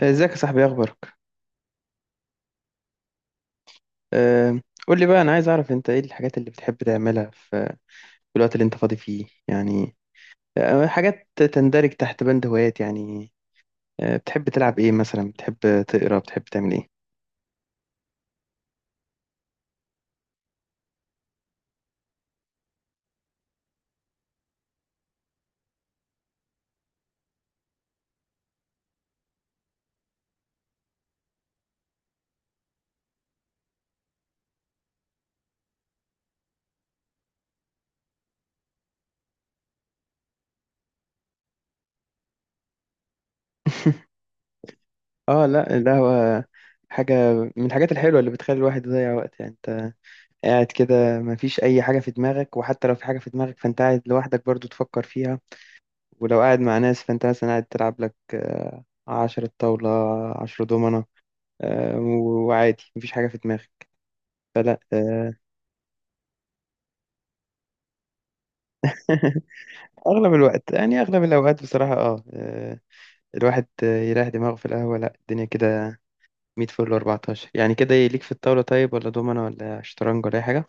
ازيك يا صاحبي، إيه اخبارك؟ أه، قول لي بقى، انا عايز اعرف انت ايه الحاجات اللي بتحب تعملها في الوقت اللي انت فاضي فيه يعني. أه، حاجات تندرج تحت بند هوايات يعني. أه، بتحب تلعب ايه مثلا؟ بتحب تقرا، بتحب تعمل ايه؟ اه لا، القهوة حاجة من الحاجات الحلوة اللي بتخلي الواحد يضيع وقت. يعني انت قاعد كده مفيش اي حاجة في دماغك، وحتى لو في حاجة في دماغك فانت قاعد لوحدك برضو تفكر فيها. ولو قاعد مع ناس فانت مثلا قاعد تلعب لك عشرة طاولة، عشرة دومنة. وعادي مفيش حاجة في دماغك. فلا. أغلب الوقت يعني، أغلب الأوقات بصراحة الواحد يريح دماغه في القهوة. لا الدنيا كده 100 فل 14 يعني. كده إيه، ليك في الطاولة طيب؟ ولا دومنا ولا شطرنج ولا أي حاجة؟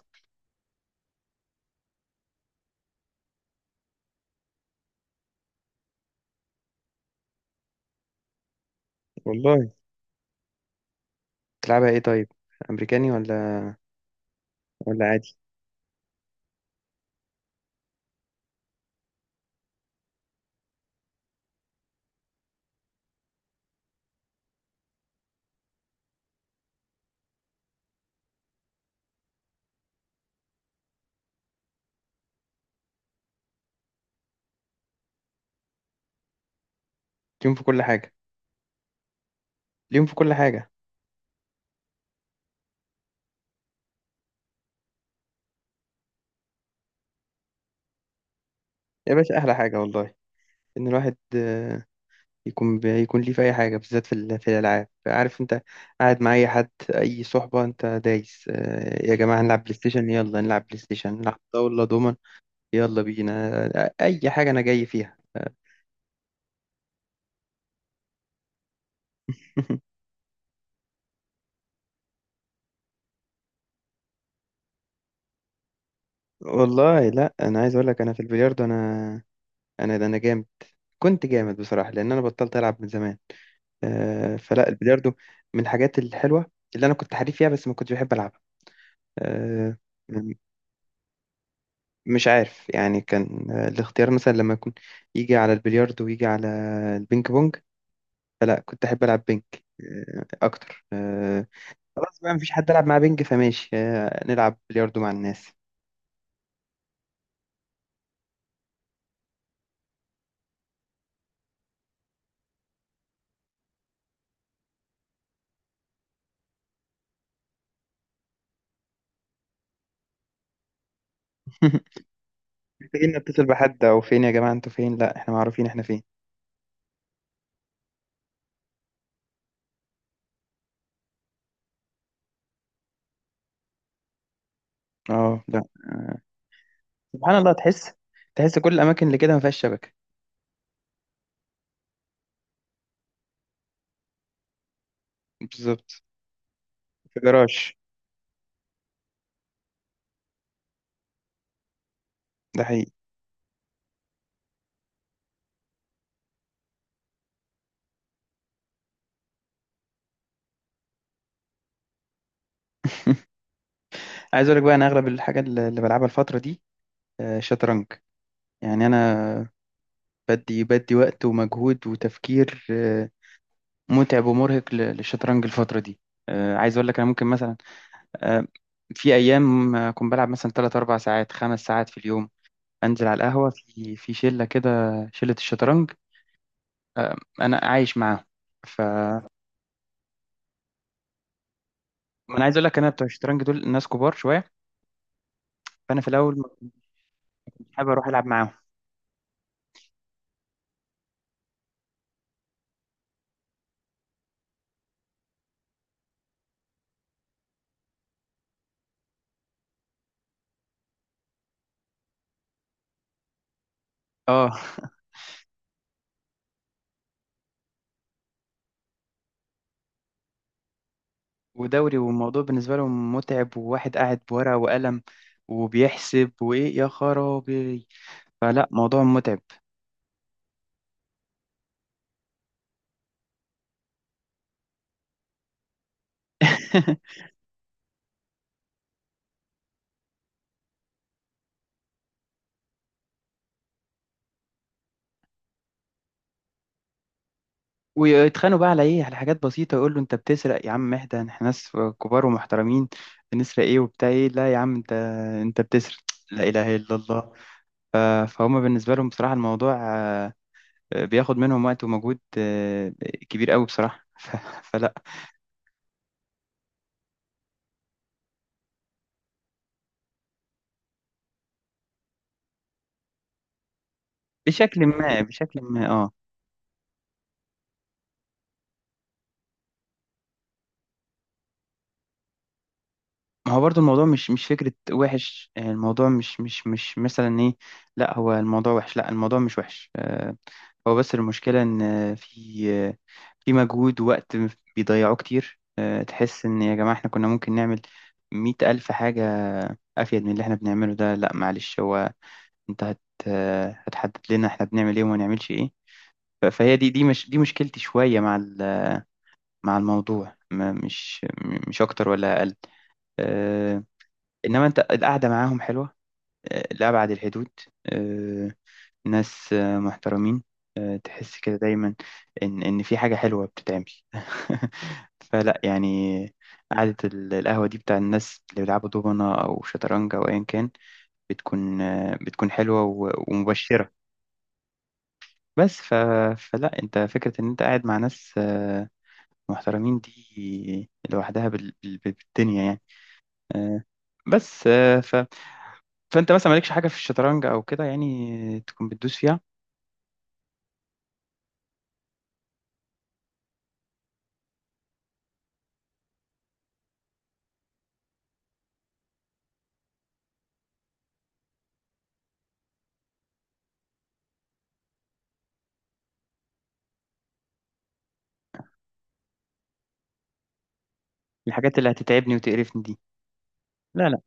والله. تلعبها إيه طيب؟ أمريكاني ولا عادي؟ اليوم في كل حاجة. اليوم في كل حاجة. يا باشا أحلى حاجة والله، إن الواحد يكون ليه في اي حاجه بالذات في في الالعاب. عارف انت قاعد مع اي حد، اي صحبه، انت دايس يا جماعه هنلعب بلاي ستيشن، يلا نلعب بلاي ستيشن، نلعب طاوله دومن. يلا بينا اي حاجه انا جاي فيها. والله لا، انا عايز اقول لك انا في البلياردو، انا ده انا جامد. كنت جامد بصراحه لان انا بطلت العب من زمان. فلا البلياردو من الحاجات الحلوه اللي انا كنت حريف فيها، بس ما كنتش بحب العبها آه، مش عارف يعني. كان الاختيار مثلا لما يكون يجي على البلياردو ويجي على البينج بونج، فلا كنت أحب ألعب بينج أكتر. خلاص بقى مفيش حد ألعب مع بينج، فماشي نلعب بلياردو مع الناس. محتاجين نتصل بحد؟ أو فين يا جماعة أنتوا فين؟ لا إحنا معروفين إحنا فين. اه لا. سبحان الله، تحس، تحس كل الأماكن اللي كده ما فيهاش شبكة. بالظبط. في جراج. ده حقيقي. عايز أقول لك بقى أنا أغلب الحاجة اللي بلعبها الفترة دي شطرنج. يعني أنا بدي وقت ومجهود وتفكير متعب ومرهق للشطرنج الفترة دي. عايز أقول لك أنا ممكن مثلا آه، في أيام أكون بلعب مثلا 3 4 ساعات 5 ساعات في اليوم. أنزل على القهوة في شلة كده، شلة الشطرنج. آه، أنا عايش معاهم. ف ما أنا عايز أقول لك أنا بتوع الشطرنج دول ناس كبار شوية. فأنا في الأول ما كنتش حابب أروح ألعب معاهم. أه ودوري، والموضوع بالنسبة لهم متعب، وواحد قاعد بورقة وقلم وبيحسب وإيه يا خرابي. فلا موضوع متعب. ويتخانقوا بقى على ايه، على حاجات بسيطه. يقول له انت بتسرق يا عم، اهدى احنا ناس كبار ومحترمين. بنسرق ايه وبتاع ايه؟ لا يا عم انت، انت بتسرق. لا اله الا الله. ف- فهم بالنسبه لهم بصراحه الموضوع بياخد منهم وقت ومجهود كبير قوي بصراحه. فلا بشكل ما، بشكل ما، اه. ما هو برضو الموضوع مش، مش فكرة وحش. الموضوع مش، مش، مش مثلا ايه. لا هو الموضوع وحش، لا الموضوع مش وحش. هو بس المشكلة إن في مجهود ووقت بيضيعوه كتير. تحس إن يا جماعة إحنا كنا ممكن نعمل مية ألف حاجة أفيد من اللي إحنا بنعمله ده. لأ معلش، هو أنت هت هتحدد لنا إحنا بنعمل إيه وما نعملش إيه. فهي دي مش دي مشكلتي شوية مع مع الموضوع. ما مش مش أكتر ولا أقل آه، إنما أنت القعدة معاهم حلوة لأبعد الحدود. آه، ناس محترمين تحس كده دايما إن إن في حاجة حلوة بتتعمل. فلا يعني قعدة القهوة دي بتاع الناس اللي بيلعبوا دومنة أو شطرنج أو أيا كان، بتكون بتكون حلوة ومبشرة. بس ف... فلا أنت فكرة إن أنت قاعد مع ناس محترمين دي لوحدها بال... بال... بالدنيا يعني آه، بس ف... فأنت مثلا مالكش حاجة في الشطرنج أو كده يعني تكون بتدوس فيها. الحاجات اللي هتتعبني وتقرفني دي. لا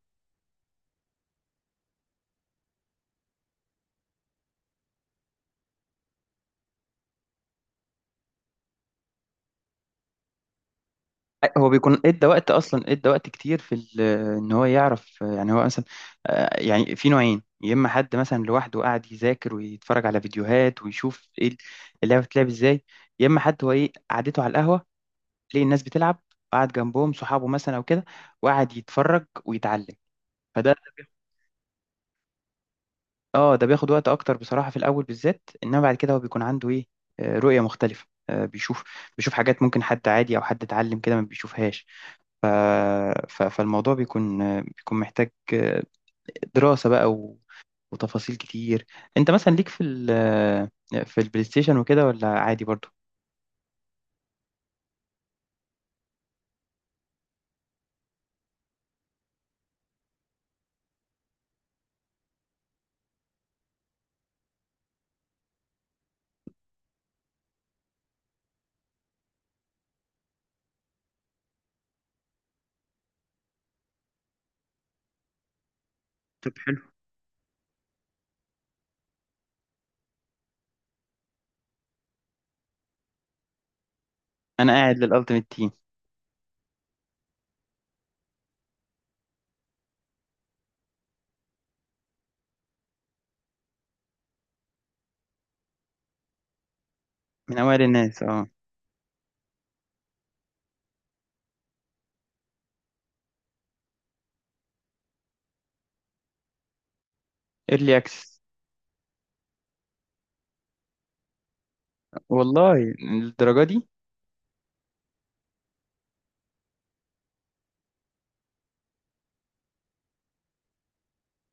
هو بيكون ادى وقت اصلا، ادى وقت كتير في ان هو يعرف. يعني هو مثلا يعني في نوعين: يا اما حد مثلا لوحده قاعد يذاكر ويتفرج على فيديوهات ويشوف ايه اللعبه بتتلعب ازاي، يا اما حد هو ايه قعدته على القهوه، ليه الناس بتلعب، قعد جنبهم صحابه مثلا او كده وقعد يتفرج ويتعلم. فده، اه ده بياخد وقت اكتر بصراحه في الاول بالذات. انما بعد كده هو بيكون عنده ايه رؤيه مختلفه. بيشوف حاجات ممكن حد عادي او حد اتعلم كده ما بيشوفهاش. ف... فالموضوع بيكون، بيكون محتاج دراسة بقى و... وتفاصيل كتير. انت مثلا ليك في ال... في البلاي ستيشن وكده، ولا عادي برضو؟ طب حلو. انا قاعد للالتيميت تيم. من اوائل الناس، اه. ايرلي اكسس. والله، للدرجة دي؟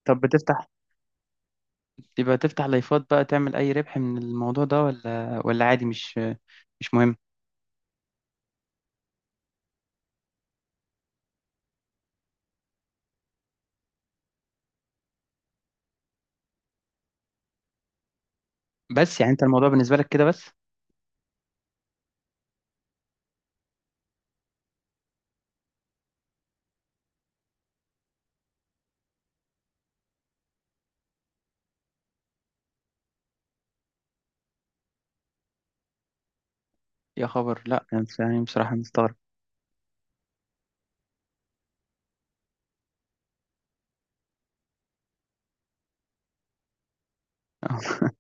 طب بتفتح، يبقى تفتح لايفات بقى، تعمل اي ربح من الموضوع ده ولا عادي، مش مش مهم؟ بس يعني انت الموضوع بالنسبة لك كده بس. يا خبر، لا انا يعني بصراحة مستغرب.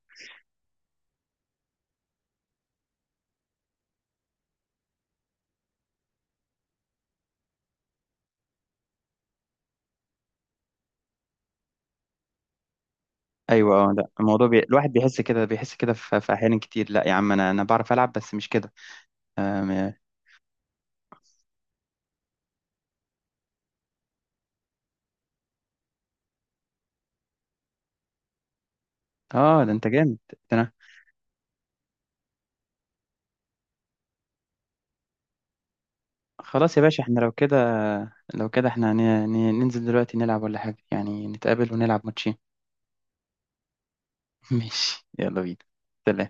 ايوه اه، لا الموضوع الواحد بيحس كده، بيحس كده في... في احيان كتير لا يا عم، انا انا بعرف العب بس مش كده. آم، اه ده انت جامد ده انا. خلاص يا باشا، احنا لو كده، لو كده احنا ننزل دلوقتي نلعب ولا حاجه، يعني نتقابل ونلعب ماتشين. ماشي يلا بينا. سلام.